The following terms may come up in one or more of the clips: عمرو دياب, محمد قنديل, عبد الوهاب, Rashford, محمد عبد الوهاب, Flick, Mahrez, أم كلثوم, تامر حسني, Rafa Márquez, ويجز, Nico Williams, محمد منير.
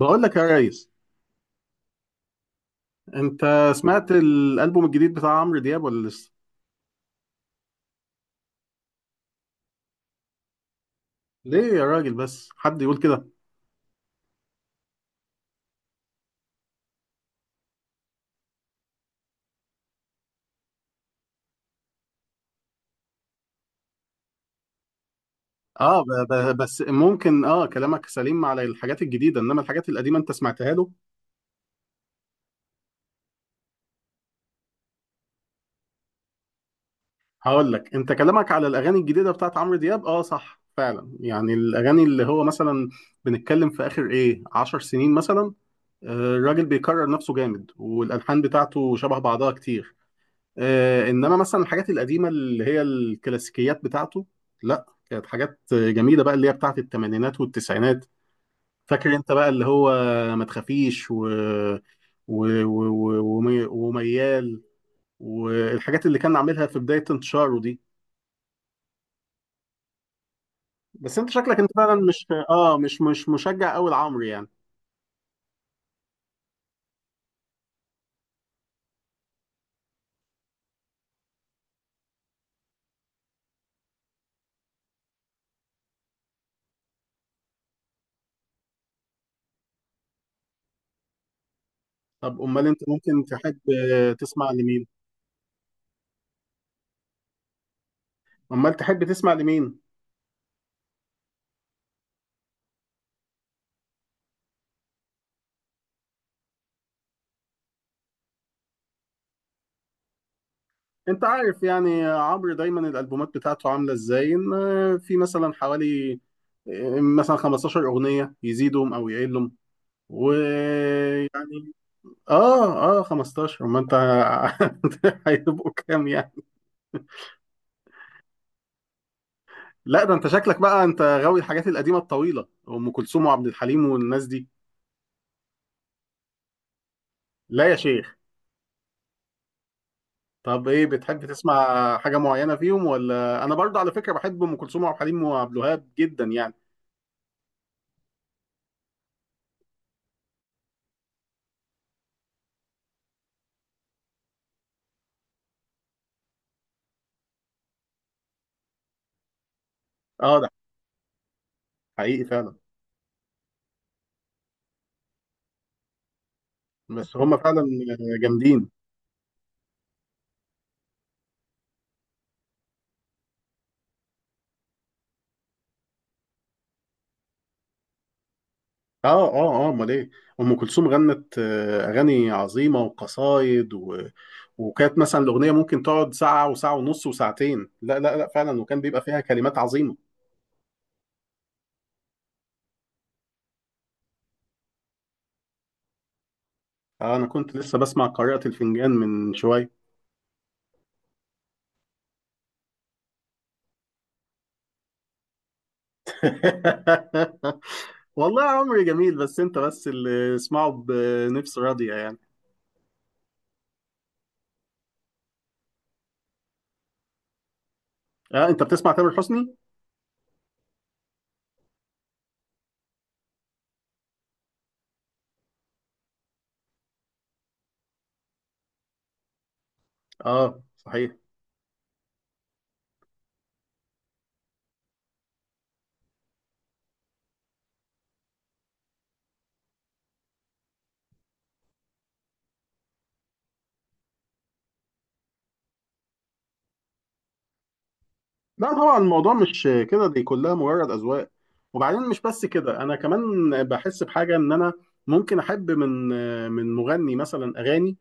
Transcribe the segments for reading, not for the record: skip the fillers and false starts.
بقول لك يا ريس، انت سمعت الالبوم الجديد بتاع عمرو دياب ولا لسه؟ ليه يا راجل؟ بس حد يقول كده؟ اه، ب ب بس ممكن، اه، كلامك سليم على الحاجات الجديده، انما الحاجات القديمه انت سمعتها له؟ هقول لك، انت كلامك على الاغاني الجديده بتاعت عمرو دياب اه صح فعلا، يعني الاغاني اللي هو مثلا بنتكلم في اخر ايه 10 سنين مثلا، آه، الراجل بيكرر نفسه جامد والالحان بتاعته شبه بعضها كتير. آه، انما مثلا الحاجات القديمه اللي هي الكلاسيكيات بتاعته، لا، كانت حاجات جميله بقى، اللي هي بتاعت الثمانينات والتسعينات. فاكر انت بقى اللي هو ما تخافيش، وميال، والحاجات اللي كان عاملها في بدايه انتشاره دي. بس انت شكلك انت فعلا مش، اه، مش مشجع قوي لعمرو يعني. طب امال انت ممكن تحب تسمع لمين؟ امال تحب تسمع لمين انت عارف يعني عمرو دايما الالبومات بتاعته عامله ازاي؟ ان في مثلا حوالي مثلا 15 اغنيه، يزيدهم او يقلهم، ويعني اه اه 15، ما انت هيبقوا كام يعني؟ لا ده انت شكلك بقى انت غاوي الحاجات القديمه الطويله، ام كلثوم وعبد الحليم والناس دي. لا يا شيخ. طب ايه بتحب تسمع حاجه معينه فيهم؟ ولا انا برضه على فكره بحب ام كلثوم وعبد الحليم وعبد الوهاب جدا يعني. اه ده حقيقي فعلا. بس هم فعلا جامدين. اه اه اه، امال ايه؟ ام كلثوم غنت آه اغاني عظيمه وقصايد، وكانت مثلا الاغنيه ممكن تقعد ساعه وساعه ونص وساعتين، لا لا لا فعلا، وكان بيبقى فيها كلمات عظيمه. آه، انا كنت لسه بسمع قارئة الفنجان من شويه. والله عمري جميل، بس انت بس اللي اسمعه بنفس راضيه يعني. اه انت بتسمع تامر حسني؟ اه صحيح. لا طبعا الموضوع مش كده، دي كلها مجرد أذواق. وبعدين مش بس كده، أنا كمان بحس بحاجة إن أنا ممكن أحب من مغني مثلا أغاني،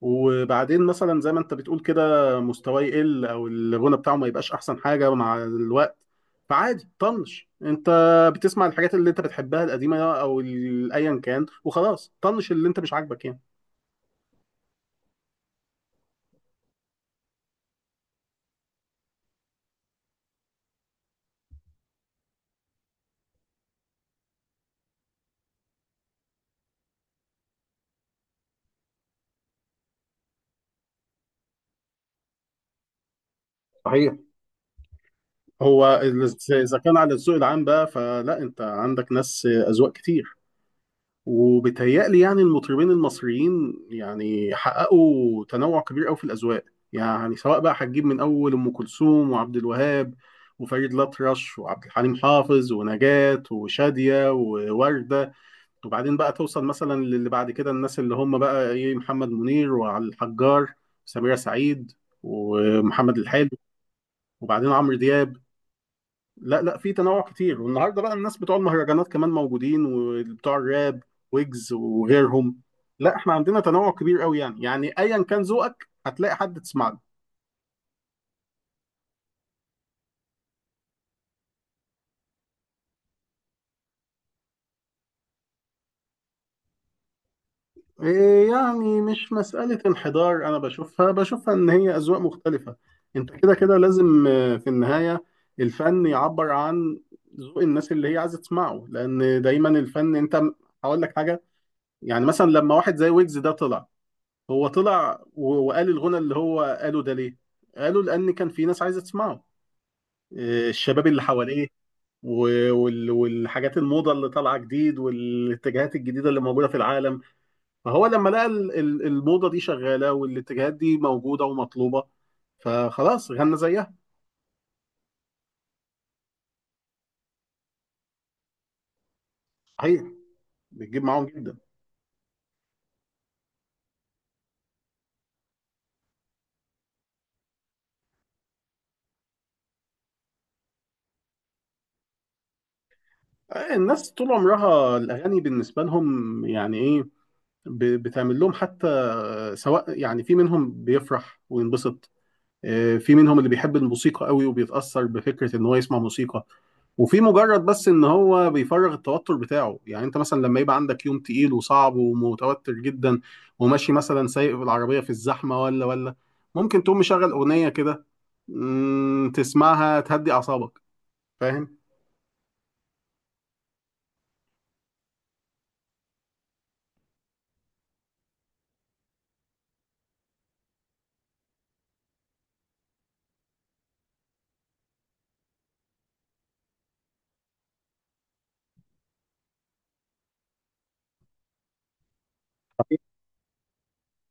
وبعدين مثلا زي ما أنت بتقول كده، مستواه يقل أو الغنى بتاعه ما يبقاش أحسن حاجة مع الوقت. فعادي، طنش، أنت بتسمع الحاجات اللي أنت بتحبها القديمة أو أيا كان، وخلاص طنش اللي أنت مش عاجبك يعني. صحيح. هو ال- إذا كان على الذوق العام بقى، فلا، أنت عندك ناس أذواق كتير. وبيتهيألي يعني المطربين المصريين يعني حققوا تنوع كبير قوي في الأذواق. يعني سواء بقى هتجيب من أول أم كلثوم وعبد الوهاب وفريد الأطرش وعبد الحليم حافظ ونجاة وشادية ووردة، وبعدين بقى توصل مثلا للي بعد كده، الناس اللي هم بقى إيه، محمد منير وعلي الحجار وسميرة سعيد ومحمد الحلو، وبعدين عمرو دياب. لا لا، في تنوع كتير. والنهارده بقى الناس بتوع المهرجانات كمان موجودين، وبتوع الراب، ويجز وغيرهم. لا، احنا عندنا تنوع كبير قوي، يعني يعني ايا كان ذوقك هتلاقي حد تسمع له. إيه يعني، مش مسألة انحدار، انا بشوفها، ان هي اذواق مختلفة. انت كده كده لازم، آه، في النهاية الفن يعبر عن ذوق الناس اللي هي عايزة تسمعه، لان دايما الفن انت هقول لك حاجة، يعني مثلا لما واحد زي ويجز ده طلع، هو طلع وقال الغنى اللي هو قاله ده، ليه؟ قالوا لأن كان في ناس عايزة تسمعه، آه، الشباب اللي حواليه، والحاجات الموضة اللي طالعة جديد والاتجاهات الجديدة اللي موجودة في العالم. فهو لما لقى الموضة دي شغالة والاتجاهات دي موجودة ومطلوبة، فخلاص غنى زيها. صحيح، بتجيب معاهم جدا. آه، الناس طول عمرها الأغاني بالنسبة لهم يعني إيه، بتعمل لهم حتى، آه، سواء يعني في منهم بيفرح وينبسط، آه، في منهم اللي بيحب الموسيقى قوي وبيتأثر بفكرة ان هو يسمع موسيقى، وفي مجرد بس ان هو بيفرغ التوتر بتاعه. يعني انت مثلا لما يبقى عندك يوم تقيل وصعب ومتوتر جدا وماشي مثلا سايق بالعربية في الزحمة، ولا ممكن تقوم مشغل أغنية كده، مم، تسمعها تهدي أعصابك. فاهم؟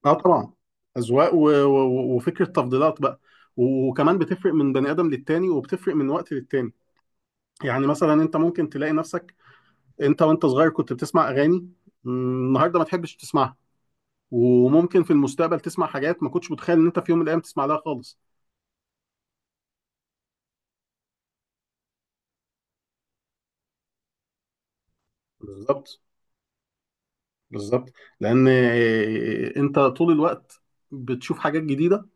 اه طبعا، أذواق وفكرة تفضيلات بقى، وكمان بتفرق من بني آدم للتاني، وبتفرق من وقت للتاني. يعني مثلا انت ممكن تلاقي نفسك انت وانت صغير كنت بتسمع اغاني، مم، النهارده ما تحبش تسمعها. وممكن في المستقبل تسمع حاجات ما كنتش متخيل ان انت في يوم من الايام تسمع لها خالص. بالظبط، بالظبط. لان، آه، انت طول الوقت بتشوف حاجات جديده.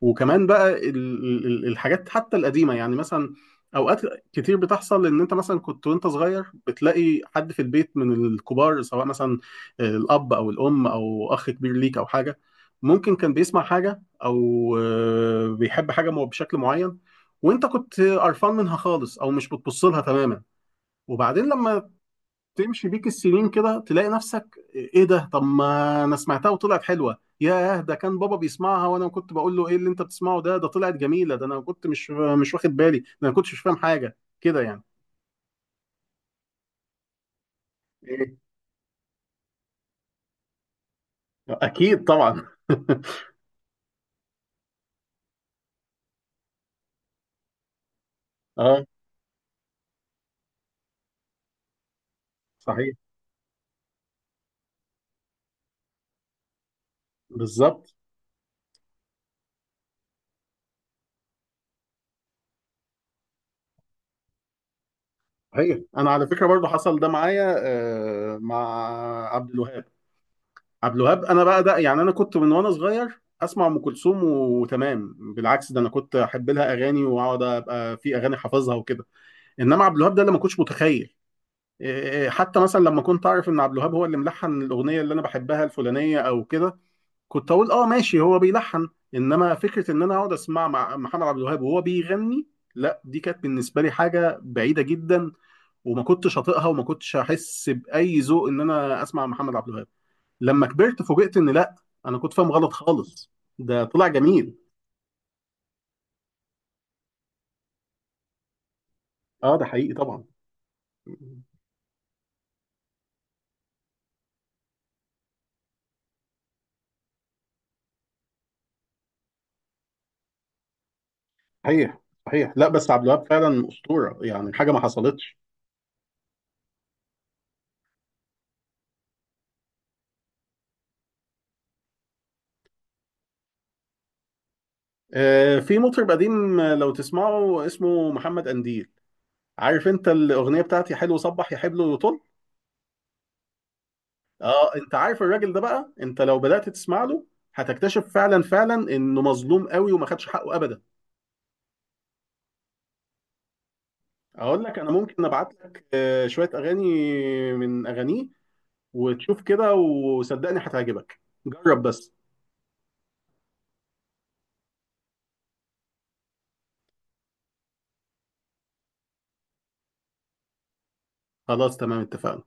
وكمان بقى الحاجات حتى القديمة، يعني مثلا أوقات كتير بتحصل إن أنت مثلا كنت وأنت صغير بتلاقي حد في البيت من الكبار، سواء مثلا الأب أو الأم أو أخ كبير ليك أو حاجة، ممكن كان بيسمع حاجة أو، آه، بيحب حاجة بشكل معين، وأنت كنت قرفان منها خالص أو مش بتبص لها تماما، وبعدين لما تمشي بيك السنين كده، تلاقي نفسك ايه ده؟ طب ما انا سمعتها وطلعت حلوه. ياه، ده كان بابا بيسمعها وانا كنت بقول له ايه اللي انت بتسمعه ده؟ ده طلعت جميله، ده انا كنت مش واخد بالي، ده انا كنتش مش فاهم حاجه كده يعني. ايه؟ اكيد طبعا. اه صحيح. بالظبط. صحيح، انا على فكره برضو حصل ده معايا، آه، مع عبد الوهاب. عبد الوهاب انا بقى ده، يعني انا كنت من وانا صغير اسمع ام كلثوم وتمام، بالعكس ده انا كنت احب لها اغاني واقعد ابقى في اغاني حافظها وكده. انما عبد الوهاب ده اللي ما كنتش متخيل، إيه، حتى مثلا لما كنت اعرف ان عبد الوهاب هو اللي ملحن الاغنيه اللي انا بحبها الفلانيه او كده، كنت اقول اه ماشي، هو بيلحن. انما فكره ان انا اقعد اسمع مع محمد عبد الوهاب وهو بيغني، لا، دي كانت بالنسبه لي حاجه بعيده جدا، وما كنتش اطيقها، وما كنتش احس باي ذوق ان انا اسمع محمد عبد الوهاب. لما كبرت فوجئت ان لا، انا كنت فاهم غلط خالص، ده طلع جميل. اه ده حقيقي طبعا. صحيح، صحيح. لا بس عبد الوهاب فعلا اسطوره، يعني حاجه ما حصلتش. آه، في مطرب قديم، آه، لو تسمعه اسمه محمد قنديل، عارف انت الاغنيه بتاعتي حلو صبح يا حبل وطل؟ اه، انت عارف الراجل ده بقى، انت لو بدات تسمع له هتكتشف فعلا فعلا انه مظلوم قوي وما خدش حقه ابدا. اقول لك انا ممكن ابعت لك، آه، شويه اغاني من اغانيه، وتشوف كده، وصدقني هتعجبك، جرب بس. خلاص تمام، اتفقنا.